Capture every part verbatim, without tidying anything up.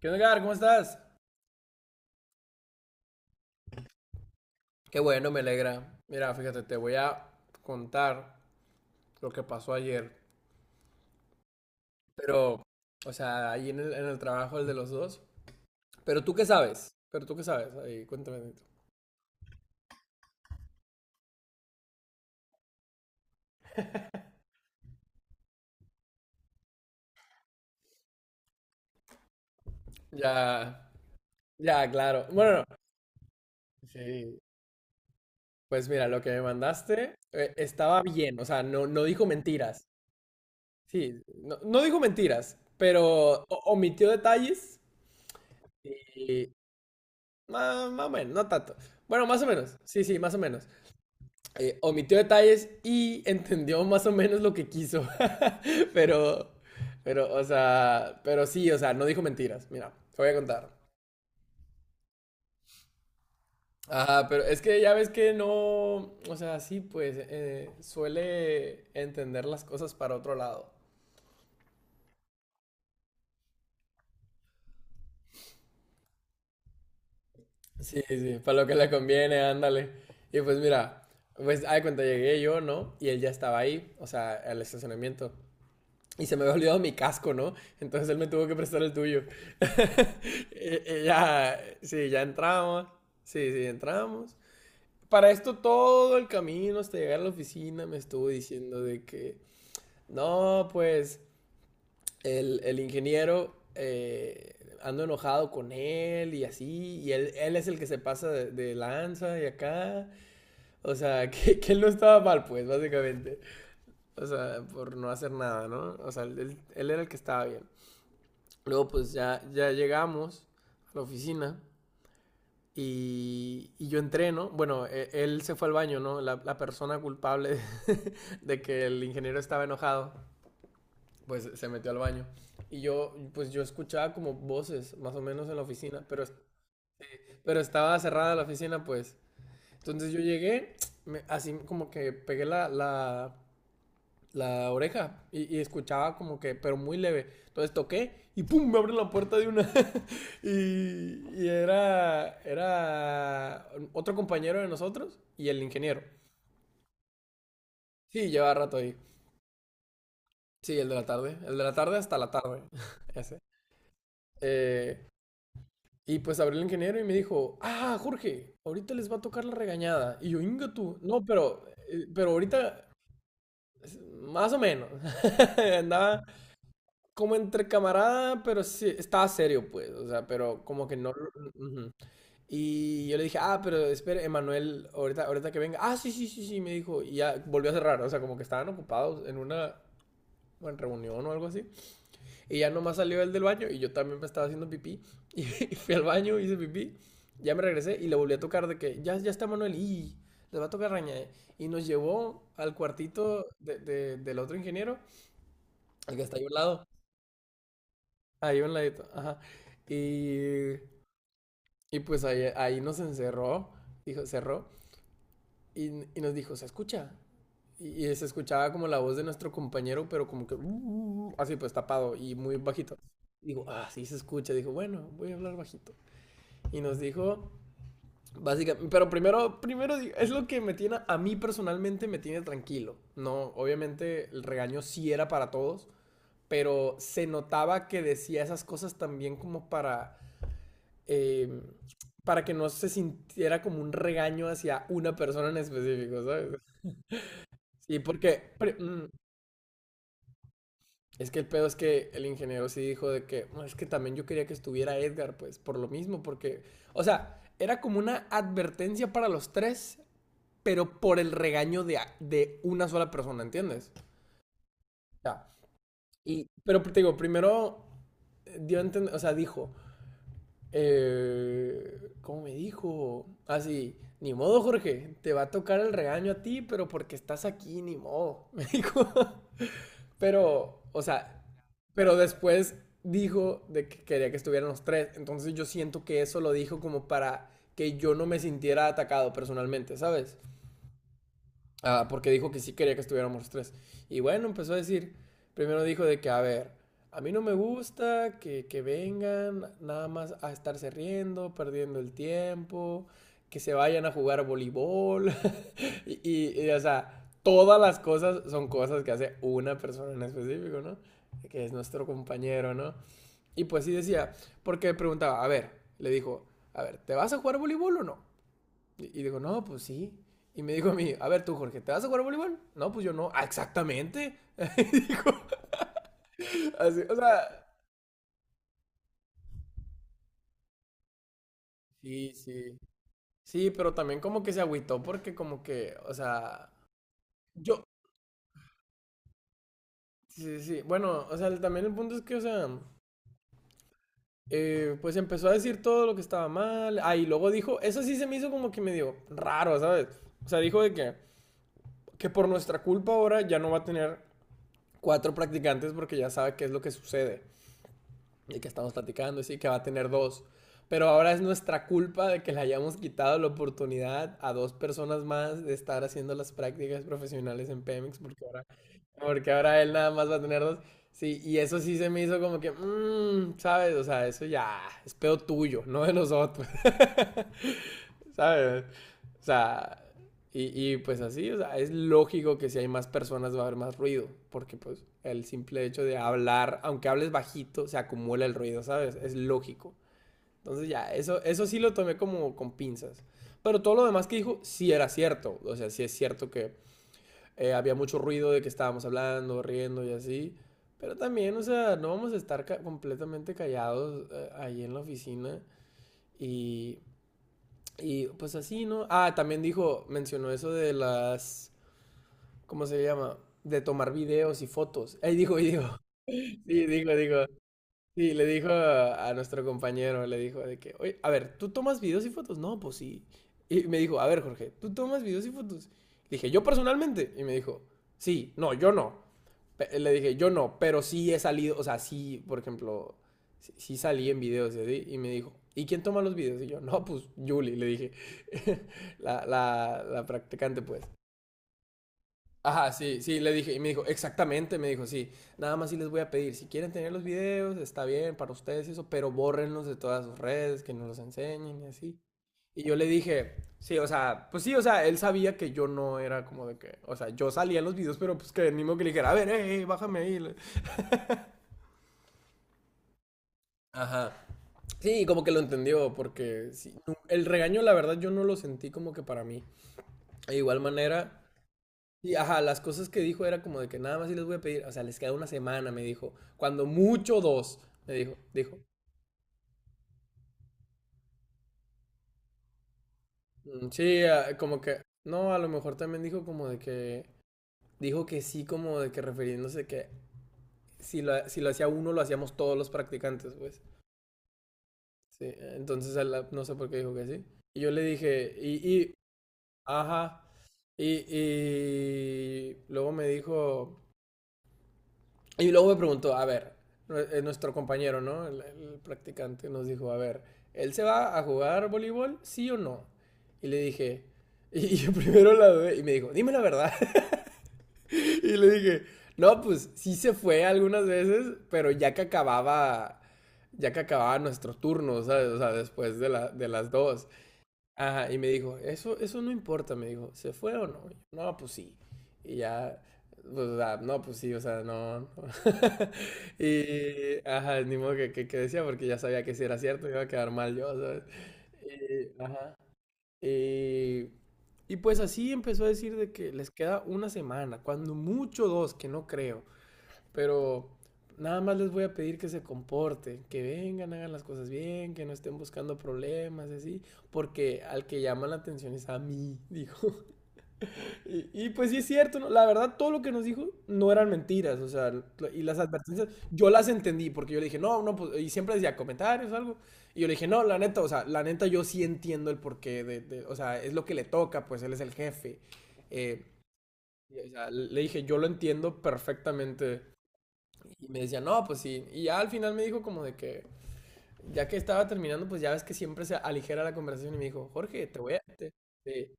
¿Qué onda, Edgar? ¿Cómo estás? Qué bueno, me alegra. Mira, fíjate, te voy a contar lo que pasó ayer. Pero, o sea, ahí en el, en el trabajo, el de los dos. Pero tú qué sabes. Pero tú qué sabes. Ahí, cuéntame. Nito. Ya, ya, claro. Bueno, no. Sí. Pues mira, lo que me mandaste eh, estaba bien. O sea, no, no dijo mentiras. Sí, no, no dijo mentiras, pero o- omitió detalles. Y. más Más, o menos, no tanto. Bueno, más o menos. Sí, sí, más o menos. Eh, omitió detalles y entendió más o menos lo que quiso. Pero, pero, o sea, pero sí, o sea, no dijo mentiras. Mira, te voy a contar. Ajá, pero es que ya ves que no, o sea, sí, pues eh, suele entender las cosas para otro lado. Sí, sí, para lo que le conviene, ándale. Y pues mira, pues, ay, cuenta llegué yo, ¿no? Y él ya estaba ahí, o sea, al estacionamiento. Y se me había olvidado mi casco, ¿no? Entonces él me tuvo que prestar el tuyo. y, y ya, sí, ya entramos. Sí, sí, entramos. Para esto todo el camino hasta llegar a la oficina me estuvo diciendo de que, no, pues el, el ingeniero eh, ando enojado con él y así, y él, él es el que se pasa de, de lanza y acá. O sea, que, que él no estaba mal, pues, básicamente. O sea, por no hacer nada, ¿no? O sea, él, él era el que estaba bien. Luego pues ya, ya llegamos a la oficina y, y yo entreno. Bueno, e- él se fue al baño, ¿no? La, la persona culpable de que el ingeniero estaba enojado, pues se metió al baño. Y yo, pues yo escuchaba como voces, más o menos en la oficina, pero, pero estaba cerrada la oficina, pues. Entonces yo llegué, me- así como que pegué la, la, la oreja y, y, escuchaba como que, pero muy leve. Entonces toqué y ¡pum! Me abren la puerta de una. y, y era, era otro compañero de nosotros y el ingeniero. Sí, llevaba rato ahí. Sí, el de la tarde. El de la tarde hasta la tarde. Ese. Eh, y pues abrió el ingeniero y me dijo, ah, Jorge, ahorita les va a tocar la regañada. Y yo, inga tú. No, pero, eh, pero ahorita, más o menos. Andaba como entre camarada, pero sí, estaba serio, pues, o sea, pero como que no... Ujú. Y yo le dije, ah, pero espere, Emanuel, ahorita, ahorita que venga. Ah, sí, sí, sí, sí, me dijo. Y ya volvió a cerrar, o sea, como que estaban ocupados en una en reunión o algo así. Y ya nomás salió él del baño y yo también me estaba haciendo pipí. Y fui al baño, hice pipí, ya me regresé y le volví a tocar de que ya, ya está Manuel y le va a tocar raña. eh". Y nos llevó al cuartito de- de- del otro ingeniero, al que está ahí al lado. Ahí a un ladito, ajá. Y, y pues ahí, ahí nos encerró, dijo, cerró, y, y nos dijo, ¿se escucha? Y, y se escuchaba como la voz de nuestro compañero, pero como que, "Uh", uh, uh, así pues tapado y muy bajito. Digo, ah, sí se escucha. Dijo, bueno, voy a hablar bajito. Y nos dijo, básicamente, pero primero, primero, di- es lo que me tiene, a mí personalmente me tiene tranquilo. No, obviamente el regaño sí era para todos, pero se notaba que decía esas cosas también como para eh, para que no se sintiera como un regaño hacia una persona en específico, ¿sabes? Y porque pre- mm, es que el pedo es que el ingeniero sí dijo de que "No, es que también yo quería que estuviera Edgar, pues por lo mismo, porque, o sea, era como una advertencia para los tres, pero por el regaño de, a- de una sola persona, ¿entiendes? Ya. Y, pero te digo, primero eh, dio a entender, o sea, dijo, Eh, ¿cómo me dijo? Así, ni modo, Jorge, te va a tocar el regaño a ti, pero porque estás aquí, ni modo, me dijo. Pero, o sea, pero después dijo de que quería que estuvieran los tres, entonces yo siento que eso lo dijo como para que yo no me sintiera atacado personalmente, ¿sabes? Ah, porque dijo que sí quería que estuviéramos los tres. Y bueno, empezó a decir, primero dijo de que, a ver, a mí no me gusta que, que vengan nada más a estarse riendo, perdiendo el tiempo, que se vayan a jugar voleibol. y, y- y, o sea, todas las cosas son cosas que hace una persona en específico, ¿no? Que es nuestro compañero, ¿no? Y pues sí decía, porque preguntaba, a ver, le dijo, a ver, ¿te vas a jugar voleibol o no? Y, y digo, no, pues sí. Y me dijo a mí, a ver tú, Jorge, ¿te vas a jugar a voleibol? No, pues yo no. Ah, exactamente. Y dijo, así, o sea, sí, sí. Sí, pero también como que se agüitó porque como que, o sea, yo, sí, sí, sí. Bueno, o sea, el- también el punto es que, o sea, eh, pues empezó a decir todo lo que estaba mal. Ah, y luego dijo, eso sí se me hizo como que medio raro, ¿sabes? O sea, dijo de que, que por nuestra culpa ahora ya no va a tener cuatro practicantes porque ya sabe qué es lo que sucede. Y que estamos platicando, y sí, que va a tener dos. Pero ahora es nuestra culpa de que le hayamos quitado la oportunidad a dos personas más de estar haciendo las prácticas profesionales en Pemex, porque ahora, porque ahora él nada más va a tener dos. Sí, y eso sí se me hizo como que, mm, ¿sabes? O sea, eso ya es pedo tuyo, no de nosotros. ¿Sabes? O sea, y, y, pues así, o sea, es lógico que si hay más personas va a haber más ruido, porque pues el simple hecho de hablar, aunque hables bajito, se acumula el ruido, ¿sabes? Es lógico. Entonces ya, eso, eso sí lo tomé como con pinzas. Pero todo lo demás que dijo sí era cierto. O sea, sí es cierto que eh, había mucho ruido de que estábamos hablando, riendo y así. Pero también, o sea, no vamos a estar ca completamente callados eh, ahí en la oficina. Y y pues así, ¿no? Ah, también dijo, mencionó eso de las, ¿cómo se llama? De tomar videos y fotos. Ahí dijo, y dijo, sí, dijo, dijo. Sí, le dijo a, a nuestro compañero, le dijo de que, oye, a ver, ¿tú tomas videos y fotos? No, pues sí. Y me dijo, a ver, Jorge, ¿tú tomas videos y fotos? Le dije, yo personalmente. Y me dijo, sí, no, yo no. Pe- Le dije, yo no, pero sí he salido, o sea, sí, por ejemplo, sí, sí salí en videos y así. Y me dijo, ¿y quién toma los videos? Y yo, no, pues Julie, le dije, la, la, la practicante, pues. Ajá, sí, sí, le dije, y me dijo, exactamente, me dijo, sí, nada más sí les voy a pedir, si quieren tener los videos, está bien para ustedes y eso, pero bórrenlos de todas sus redes, que nos los enseñen y así. Y yo le dije, sí, o sea, pues sí, o sea, él sabía que yo no era como de que, o sea, yo salía en los videos, pero pues que el mismo que le dijera, a ver, hey, bájame ahí. le- Ajá. Sí, como que lo entendió, porque sí, nu- el regaño, la verdad, yo no lo sentí como que para mí. De igual manera, y ajá, las cosas que dijo era como de que nada más sí les voy a pedir, o sea, les queda una semana, me dijo. Cuando mucho dos, me dijo, dijo. Mm, sí, ah, como que, no, a lo mejor también dijo como de que, dijo que sí, como de que refiriéndose que si lo, si lo hacía uno, lo hacíamos todos los practicantes, pues. Sí, entonces a la- no sé por qué dijo que sí. Y yo le dije, y, y, ajá. Y, y luego me dijo, y luego me preguntó, a ver, eh, eh, nuestro compañero, ¿no? El, el practicante nos dijo, a ver, ¿él se va a jugar voleibol? ¿Sí o no? Y le dije, y y yo primero la dudé, y me dijo, dime la verdad. Y le dije, no, pues sí se fue algunas veces, pero ya que acababa, ya que acababa nuestro turno, ¿sabes? O sea, después de, la, de las dos. Ajá, y me dijo, eso, eso no importa, me dijo, ¿se fue o no? Y yo, no, pues sí. Y ya, pues, o sea, no, pues sí, o sea, no. No". Y, ajá, ni modo que, que, que decía, porque ya sabía que si era cierto iba a quedar mal yo, ¿sabes? Y, ajá. Y, y pues así empezó a decir de que les queda una semana, cuando mucho dos, que no creo. Pero nada más les voy a pedir que se comporten, que vengan, hagan las cosas bien, que no estén buscando problemas, así, porque al que llama la atención es a mí, dijo. Y, y pues sí es cierto, ¿no? La verdad todo lo que nos dijo no eran mentiras, o sea, y las advertencias yo las entendí, porque yo le dije, no, no, pues, y siempre decía comentarios o algo, y yo le dije, no, la neta, o sea, la neta yo sí entiendo el porqué, de, de o sea, es lo que le toca, pues él es el jefe. Eh, y, o sea, le dije, yo lo entiendo perfectamente y me decía, no, pues sí. Y ya al final me dijo como de que, ya que estaba terminando, pues ya ves que siempre se aligera la conversación y me dijo, Jorge, te voy a, te, te-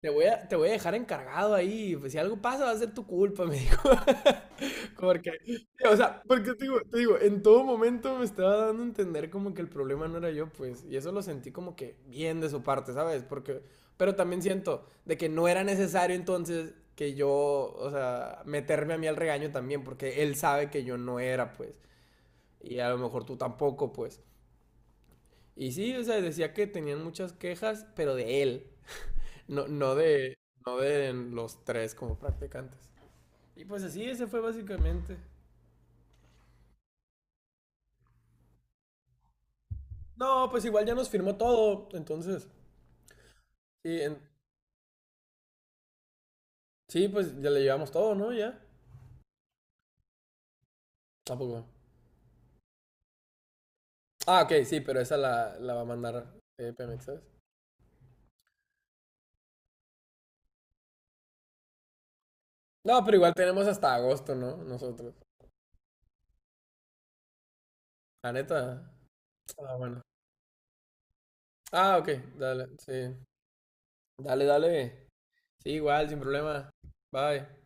te voy a, te voy a dejar encargado ahí. Pues si algo pasa va a ser tu culpa, me dijo. Porque, o sea, porque te digo, te digo, en todo momento me estaba dando a entender como que el problema no era yo, pues. Y eso lo sentí como que bien de su parte, ¿sabes? Porque, pero también siento de que no era necesario entonces que yo, o sea, meterme a mí al regaño también, porque él sabe que yo no era, pues y a lo mejor tú tampoco, pues. Y sí, o sea, decía que tenían muchas quejas, pero de él, no, no de, no de los tres como practicantes. Y pues así, ese fue básicamente. No, pues igual ya nos firmó todo, entonces. Sí, en- sí, pues ya le llevamos todo, ¿no? Ya. Tampoco. Ah, ok, sí, pero esa la, la va a mandar eh, Pemex, ¿sabes? No, pero igual tenemos hasta agosto, ¿no? Nosotros. La neta. Ah, bueno. Ah, ok, dale, sí. Dale, dale. Sí, igual, sin problema. Bye.